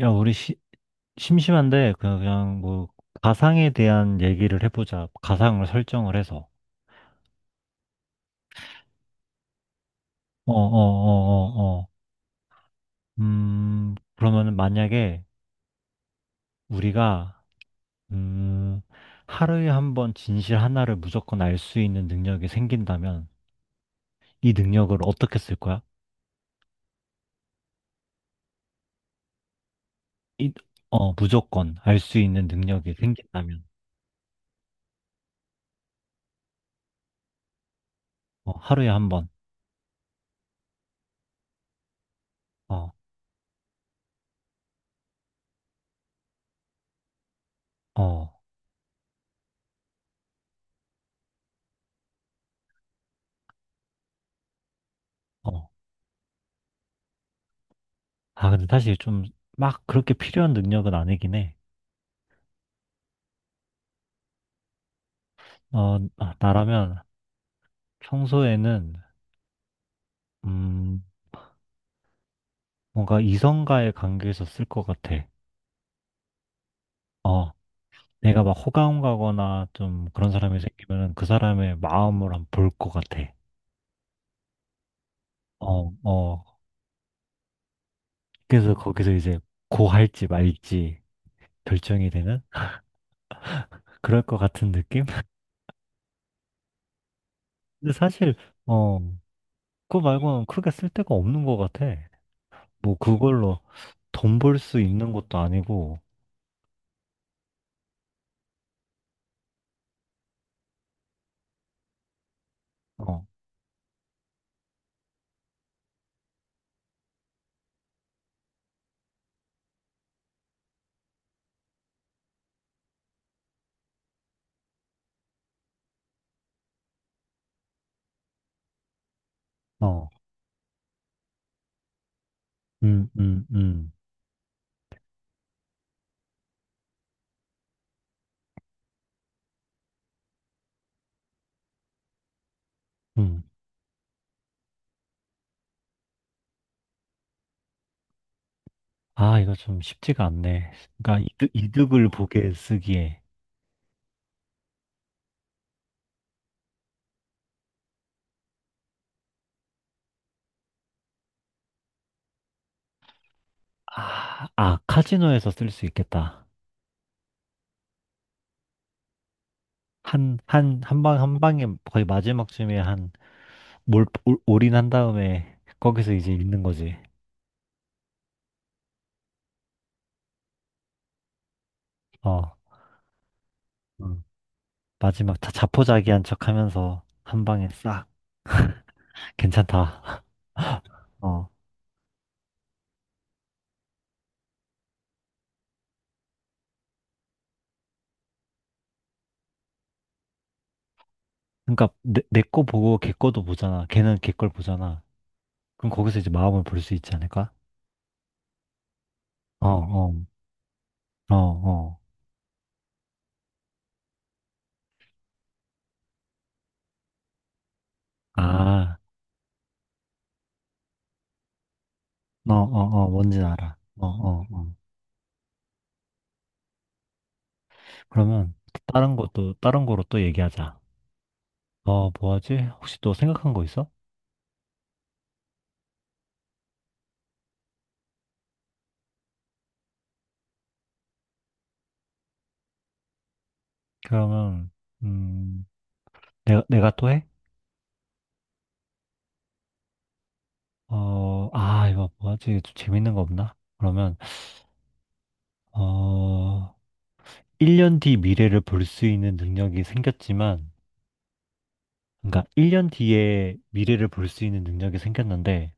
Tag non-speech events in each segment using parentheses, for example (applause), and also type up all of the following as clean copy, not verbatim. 야, 우리 심심한데 그냥 뭐 가상에 대한 얘기를 해보자. 가상을 설정을 해서. 어, 어, 어, 어, 어. 그러면 만약에 우리가 음, 하루에 한 번 진실 하나를 무조건 알 수 있는 능력이 생긴다면 이 능력을 어떻게 쓸 거야? 이, 무조건 알 수 있는 능력이 생긴다면 하루에 한 번. 어, 어, 어. 아, 근데 사실 좀 막 그렇게 필요한 능력은 아니긴 해. 어, 아, 나라면 평소에는, 음, 뭔가 이성과의 관계에서 쓸 것 같아. 어, 내가 막 호감 가거나 좀 그런 사람이 생기면은 그 사람의 마음을 한번 볼 것 같아. 어, 어, 그래서 거기서 이제 고할지 말지 결정이 되는 그럴 것 같은 느낌? (laughs) 근데 사실, 어, 그거 말고는 크게 쓸 데가 없는 것 같아. 뭐 그걸로 돈 벌 수 있는 것도 아니고, 어, 어, 음, 음, 음, 음. 아, 이거 좀 쉽지가 않네. 그러니까 이득, 을 보게 쓰기에. 아, 아, 카지노에서 쓸 수 있겠다. 한 방에 거의 마지막쯤에 올인한 다음에 거기서 이제 읽는 거지. 어, 음. 마지막 자포자기한 척 하면서 한 방에 싹. 괜찮다. (laughs) 어. 그러니까 내 거 보고 걔 거도 보잖아. 걔는 걔 걸 보잖아. 그럼 거기서 이제 마음을 볼 수 있지 않을까? 어, 어, 어, 어. 아. 어, 어, 어, 뭔진 알아. 어, 어, 어. 그러면 다른 것도, 다른 거로 또 얘기하자. 어, 뭐 하지? 혹시 또 생각한 거 있어? 그러면, 음, 내가 또 해? 어, 아, 이거 뭐 하지? 좀 재밌는 거 없나? 그러면, 어, 1년 뒤 미래를 볼 수 있는 능력이 생겼지만, 그러니까 1년 뒤에 미래를 볼 수 있는 능력이 생겼는데,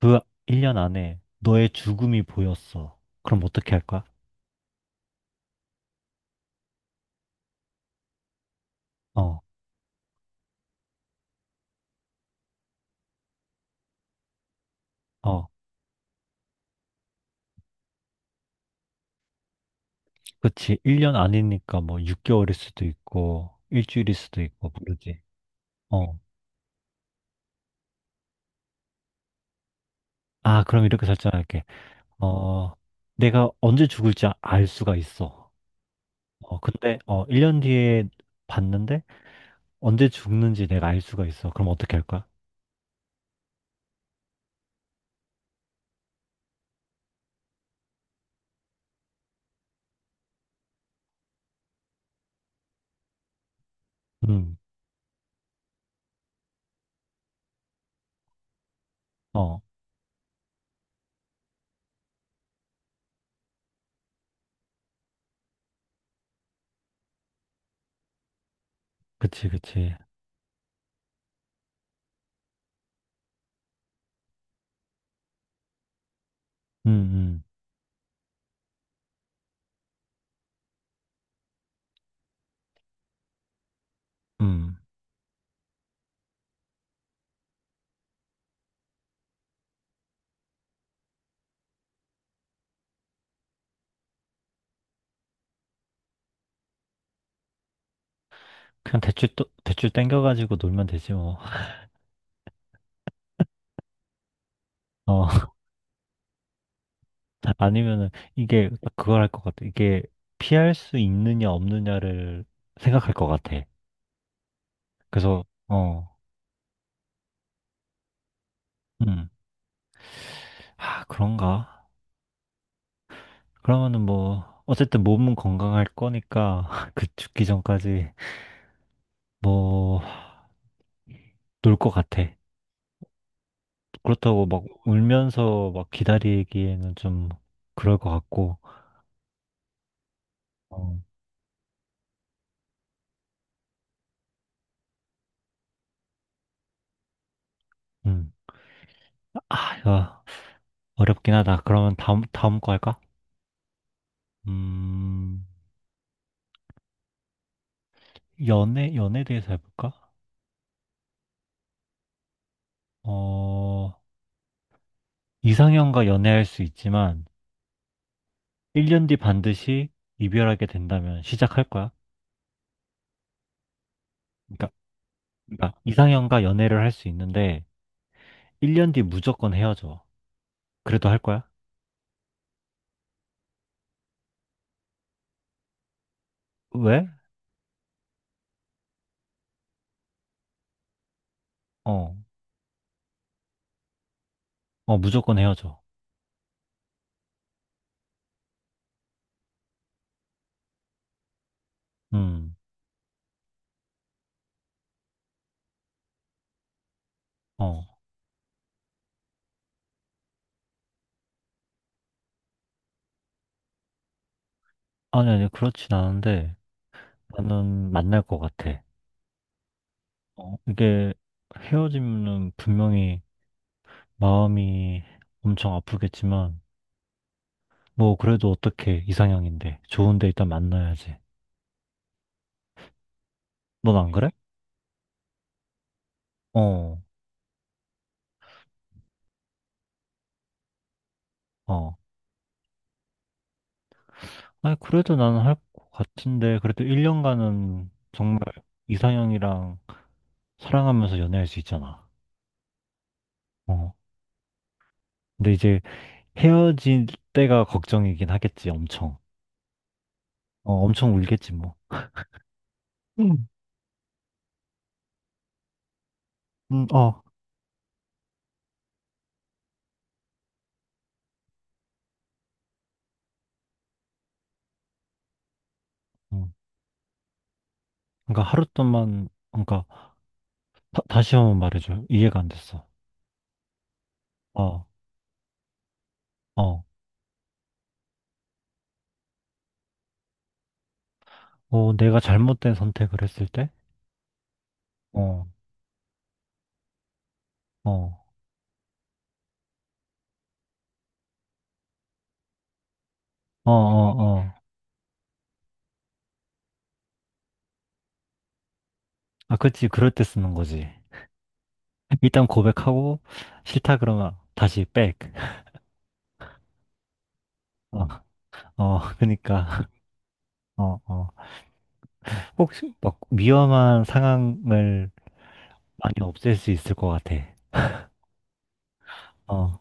그 1년 안에 너의 죽음이 보였어. 그럼 어떻게 할 거야? 어, 어. 그치. 1년 아니니까 뭐 6개월일 수도 있고, 일주일일 수도 있고, 모르지. 어. 아, 그럼 이렇게 설정할게. 어, 내가 언제 죽을지 알 수가 있어. 어, 근데, 1년 뒤에 봤는데, 언제 죽는지 내가 알 수가 있어. 그럼 어떻게 할 거야? 음, 어, 그치, 그치. 음, 음, 음. 그냥 대출 땡겨가지고 놀면 되지, 뭐. (laughs) 어, (laughs) 아니면은, 이게, 그걸 할 것 같아. 이게, 피할 수 있느냐, 없느냐를 생각할 것 같아. 그래서, 음, 아, 그런가? 그러면은 뭐, 어쨌든 몸은 건강할 거니까, (laughs) 그 죽기 전까지, 뭐, 놀 것 같아. 그렇다고 막 울면서 막 기다리기에는 좀 그럴 것 같고, 어, 음, 아, 이거 어렵긴 하다. 그러면 다음 거 할까? 음, 연애에 대해서 해볼까? 어, 이상형과 연애할 수 있지만, 1년 뒤 반드시 이별하게 된다면 시작할 거야? 그러니까 그러니까 이상형과 연애를 할 수 있는데 1년 뒤 무조건 헤어져. 그래도 할 거야? 왜? 어, 어, 무조건 헤어져. 음, 어. 아니, 아니, 그렇진 않은데 나는 만날 것 같아. 어, 이게 헤어지면은 분명히 마음이 엄청 아프겠지만 뭐 그래도 어떻게 이상형인데 좋은데 일단 만나야지. 넌 안 그래? 어, 어. 아니, 그래도 나는 할 것 같은데 그래도 1년간은 정말 이상형이랑 사랑하면서 연애할 수 있잖아. 어. 근데 이제 헤어질 때가 걱정이긴 하겠지, 엄청. 어, 엄청 울겠지, 뭐. 음, 어. 음. 그러니까 하루 동안, 그러니까 다, 시 한 번 말해줘. 이해가 안 됐어. 어, 어. 어, 내가 잘못된 선택을 했을 때? 어, 어, 어, 어, 어. 아, 그치. 그럴 때 쓰는 거지. 일단 고백하고, 싫다 그러면 다시 백. (laughs) 어, 어, 그니까. 어, 어. 혹시 막 위험한 상황을 많이 없앨 수 있을 것 같아. 어,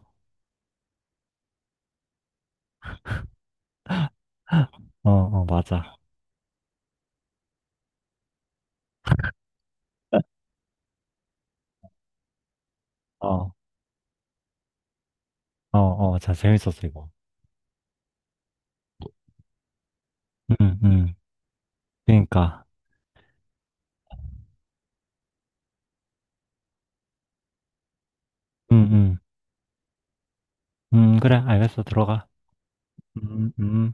(laughs) 어, 어, 맞아. 어, 어, 어, 재밌었어, 이거. 음, 음, 그니까. 음, 그래, 알겠어, 들어가. 음, 음.